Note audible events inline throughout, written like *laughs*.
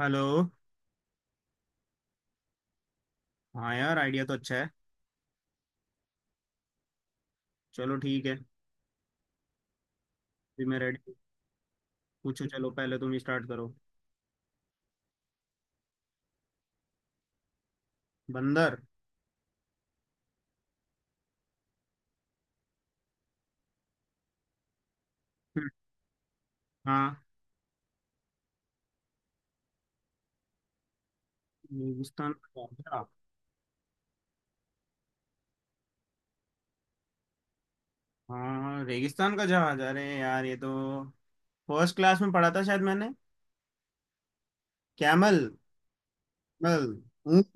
Hello. हाँ यार, idea तो अच्छा है। चलो, ठीक है। भी मैं रेडी हूँ। पूछो, चलो, पहले तुम स्टार्ट करो। बंदर। हम्म, हाँ। रेगिस्तान का जहाज। हाँ, रेगिस्तान का जहाज। अरे यार, ये तो फर्स्ट क्लास में पढ़ा था शायद मैंने। कैमल। कैमल। ऊंट।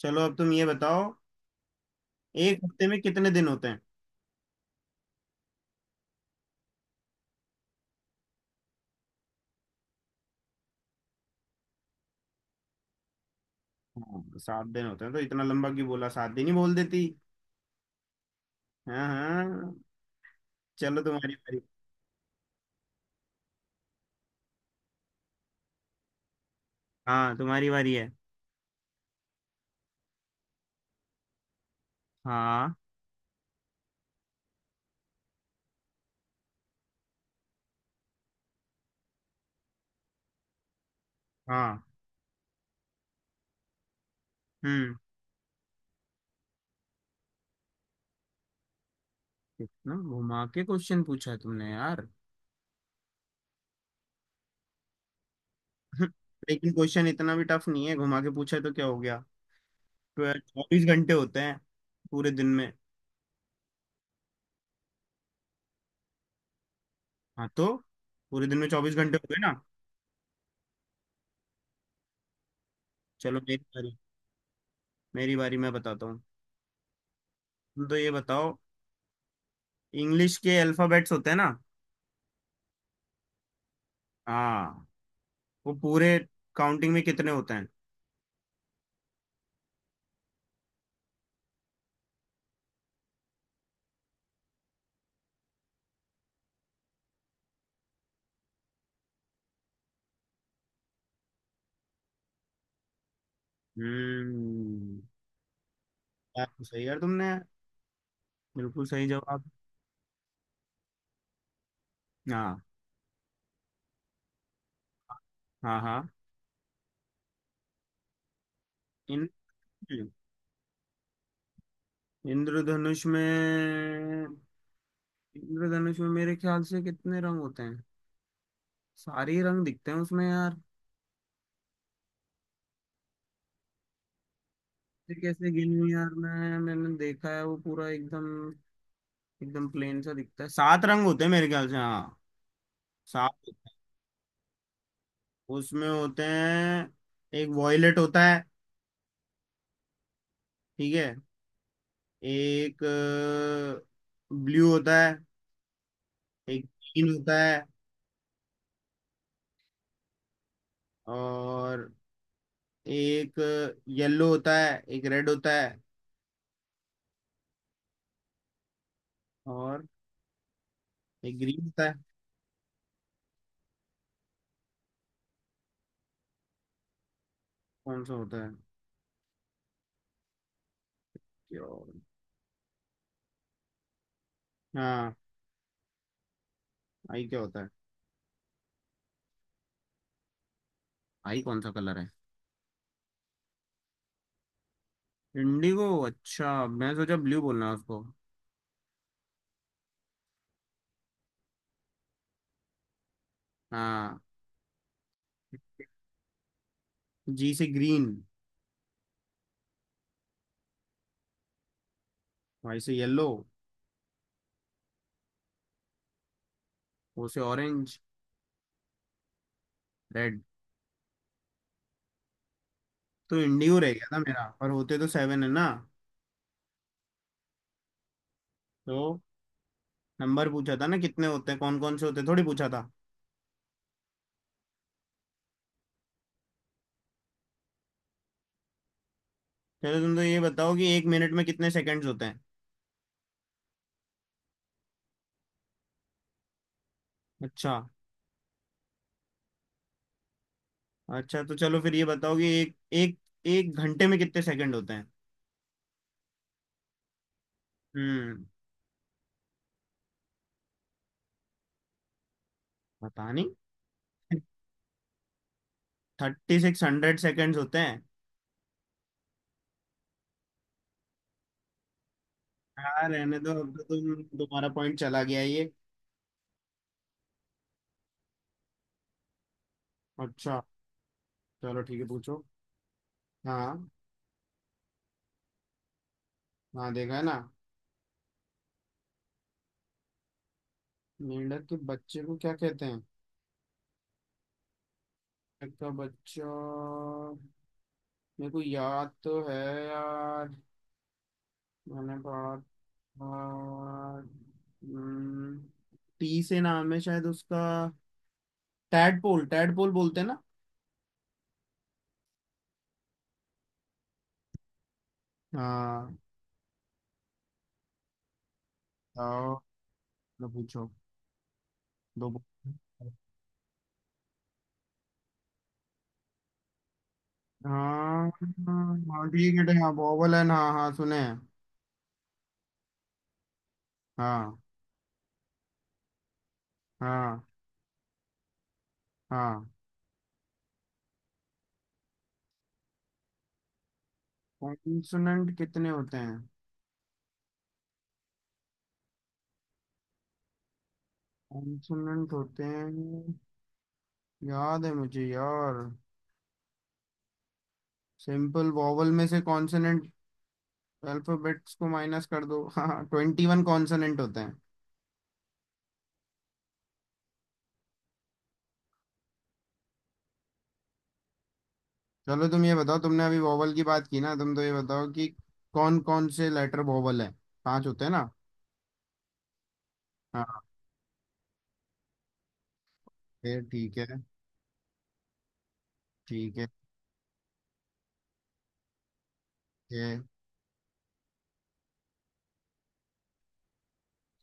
चलो, अब तुम ये बताओ। एक हफ्ते में कितने दिन होते हैं? हाँ, 7 दिन होते हैं। तो इतना लंबा क्यों बोला, 7 दिन ही बोल देती। हाँ हाँ। चलो, तुम्हारी बारी। हाँ, तुम्हारी बारी है। हाँ। हाँ। हम्म। इतना घुमा के क्वेश्चन पूछा है तुमने, यार। *laughs* लेकिन क्वेश्चन इतना भी टफ नहीं है। घुमा के पूछा है तो क्या हो गया? ट्वेल्व 24 घंटे होते हैं पूरे दिन में। हाँ तो पूरे दिन में 24 घंटे हो गए ना। चलो, मेरी बारी। मेरी बारी, मैं बताता हूँ। तुम तो ये बताओ, इंग्लिश के अल्फाबेट्स होते हैं ना। हाँ। वो पूरे काउंटिंग में कितने होते हैं? हम्म। यार, सही यार तुमने। बिल्कुल सही जवाब। हाँ हाँ। हाँ। इन। इंद्रधनुष में। इंद्रधनुष में मेरे ख्याल से कितने रंग होते हैं? सारे ही रंग दिखते हैं उसमें, यार। ये कैसे गिनूं यार, मैंने देखा है। वो पूरा एकदम एकदम प्लेन सा दिखता है। 7 रंग होते हैं मेरे ख्याल से। हाँ, सात होते हैं। उसमें होते हैं, एक वॉयलेट होता है। ठीक है। एक ब्लू होता है। एक ग्रीन होता है। और एक येलो होता है। एक रेड होता है। और एक ग्रीन होता है। कौन सा होता है? क्या? हाँ। आई क्या होता है? आई कौन सा कलर है? इंडिगो, अच्छा। मैं सोचा ब्लू बोलना है उसको। हाँ। जी से ग्रीन। वाई से येलो। ओ से ऑरेंज। रेड। तो इंडिगो रह गया था मेरा। पर होते तो 7 है ना। तो नंबर पूछा था ना कितने होते हैं, कौन कौन से होते हैं थोड़ी पूछा था। चलो, तुम तो ये बताओ कि एक मिनट में कितने सेकंड्स होते हैं। अच्छा। अच्छा, तो चलो फिर ये बताओ कि एक एक एक घंटे में कितने सेकंड होते हैं। हम्म। पता नहीं। 3600 सेकेंड्स होते हैं। हाँ, रहने दो अब तो। तुम्हारा पॉइंट चला गया ये। अच्छा। चलो, ठीक है, पूछो। हाँ। हाँ, देखा है ना। मेंढक के बच्चे को क्या कहते हैं? मेंढक का बच्चा मेरे को याद तो है, यार। मैंने पढ़ा था। हम्म, टी से नाम है शायद उसका। टैडपोल। टैडपोल बोलते हैं ना। हाँ। आओ। तो पूछो। दो। हाँ हाँ हाँ, ठीक है, हाँ। बॉबल है, हाँ हाँ, सुने हैं। हाँ। हाँ। हाँ। कॉन्सोनेंट कितने होते हैं? कॉन्सोनेंट होते हैं, याद है मुझे यार। सिंपल वॉवल में से कॉन्सोनेंट अल्फाबेट्स को माइनस कर दो। *laughs* हाँ, 21 कॉन्सोनेंट होते हैं। चलो, तुम ये बताओ, तुमने अभी वॉवल की बात की ना। तुम तो ये बताओ कि कौन कौन से लेटर वॉवल है। पांच होते हैं ना। हाँ। फिर ठीक है। ठीक है। ठीक है।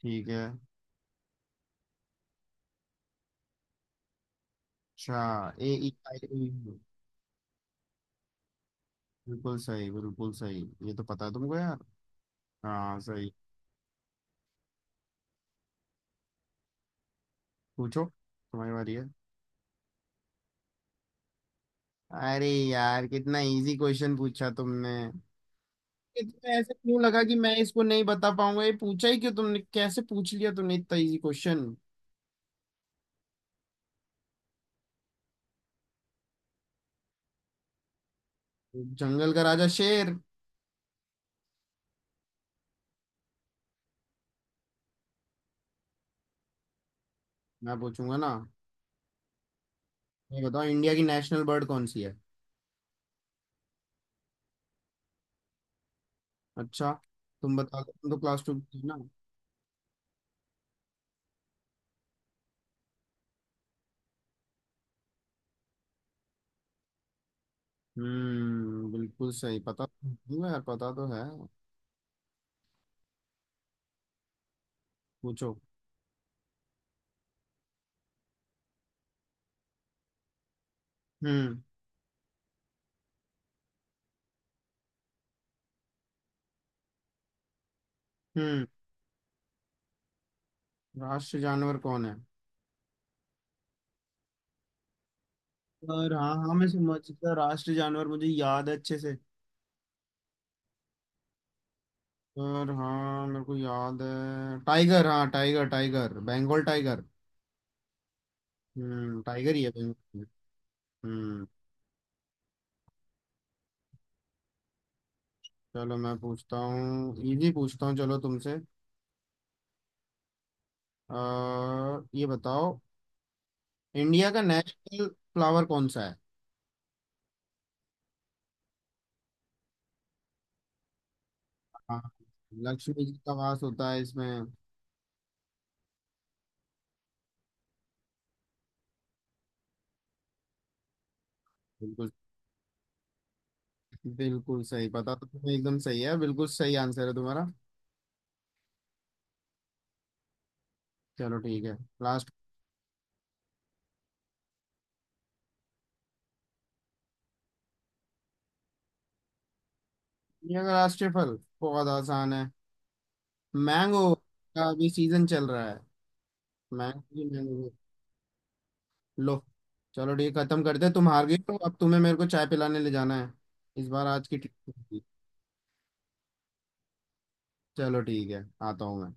ठीक है। अच्छा। A E I E. बिल्कुल सही, बिल्कुल सही। ये तो पता है तुमको, यार। हाँ, सही। पूछो, तुम्हारी बारी है। अरे यार, कितना इजी क्वेश्चन पूछा तुमने। ये तुम्हें ऐसे क्यों लगा कि मैं इसको नहीं बता पाऊंगा? ये पूछा ही क्यों तुमने? कैसे पूछ लिया तुमने इतना इजी क्वेश्चन? जंगल का राजा शेर। मैं पूछूंगा ना। ये बताओ, इंडिया की नेशनल बर्ड कौन सी है? अच्छा। तुम बता दो, तुम तो क्लास टू की हो ना। हम्म, बिल्कुल सही पता तो है यार, पता तो है। पूछो। हम्म। हम्म। राष्ट्र जानवर कौन है? और हाँ हाँ, मैं समझ गया। राष्ट्र जानवर मुझे याद है अच्छे से। सर हाँ, मेरे को याद है, टाइगर। हाँ, टाइगर, टाइगर। बंगाल टाइगर। हम्म, टाइगर ही है, बंगाल। हम्म। चलो, मैं पूछता हूँ। इजी पूछता हूँ चलो, तुमसे। आ, ये बताओ, इंडिया का नेशनल फ्लावर कौन सा है? हाँ। लक्ष्मी जी का वास होता है इसमें। बिल्कुल। बिल्कुल सही पता तो तुम्हें। एकदम सही है, बिल्कुल सही आंसर है तुम्हारा। चलो, ठीक है। लास्ट। इंडिया का राष्ट्रीय फल बहुत आसान है। मैंगो का अभी सीजन चल रहा है। मैंगो। लो। चलो, ठीक है, खत्म करते हैं। तुम हार गई हो, अब तुम्हें मेरे को चाय पिलाने ले जाना है। इस बार आज की, ठीक? चलो, ठीक है, आता हूँ मैं।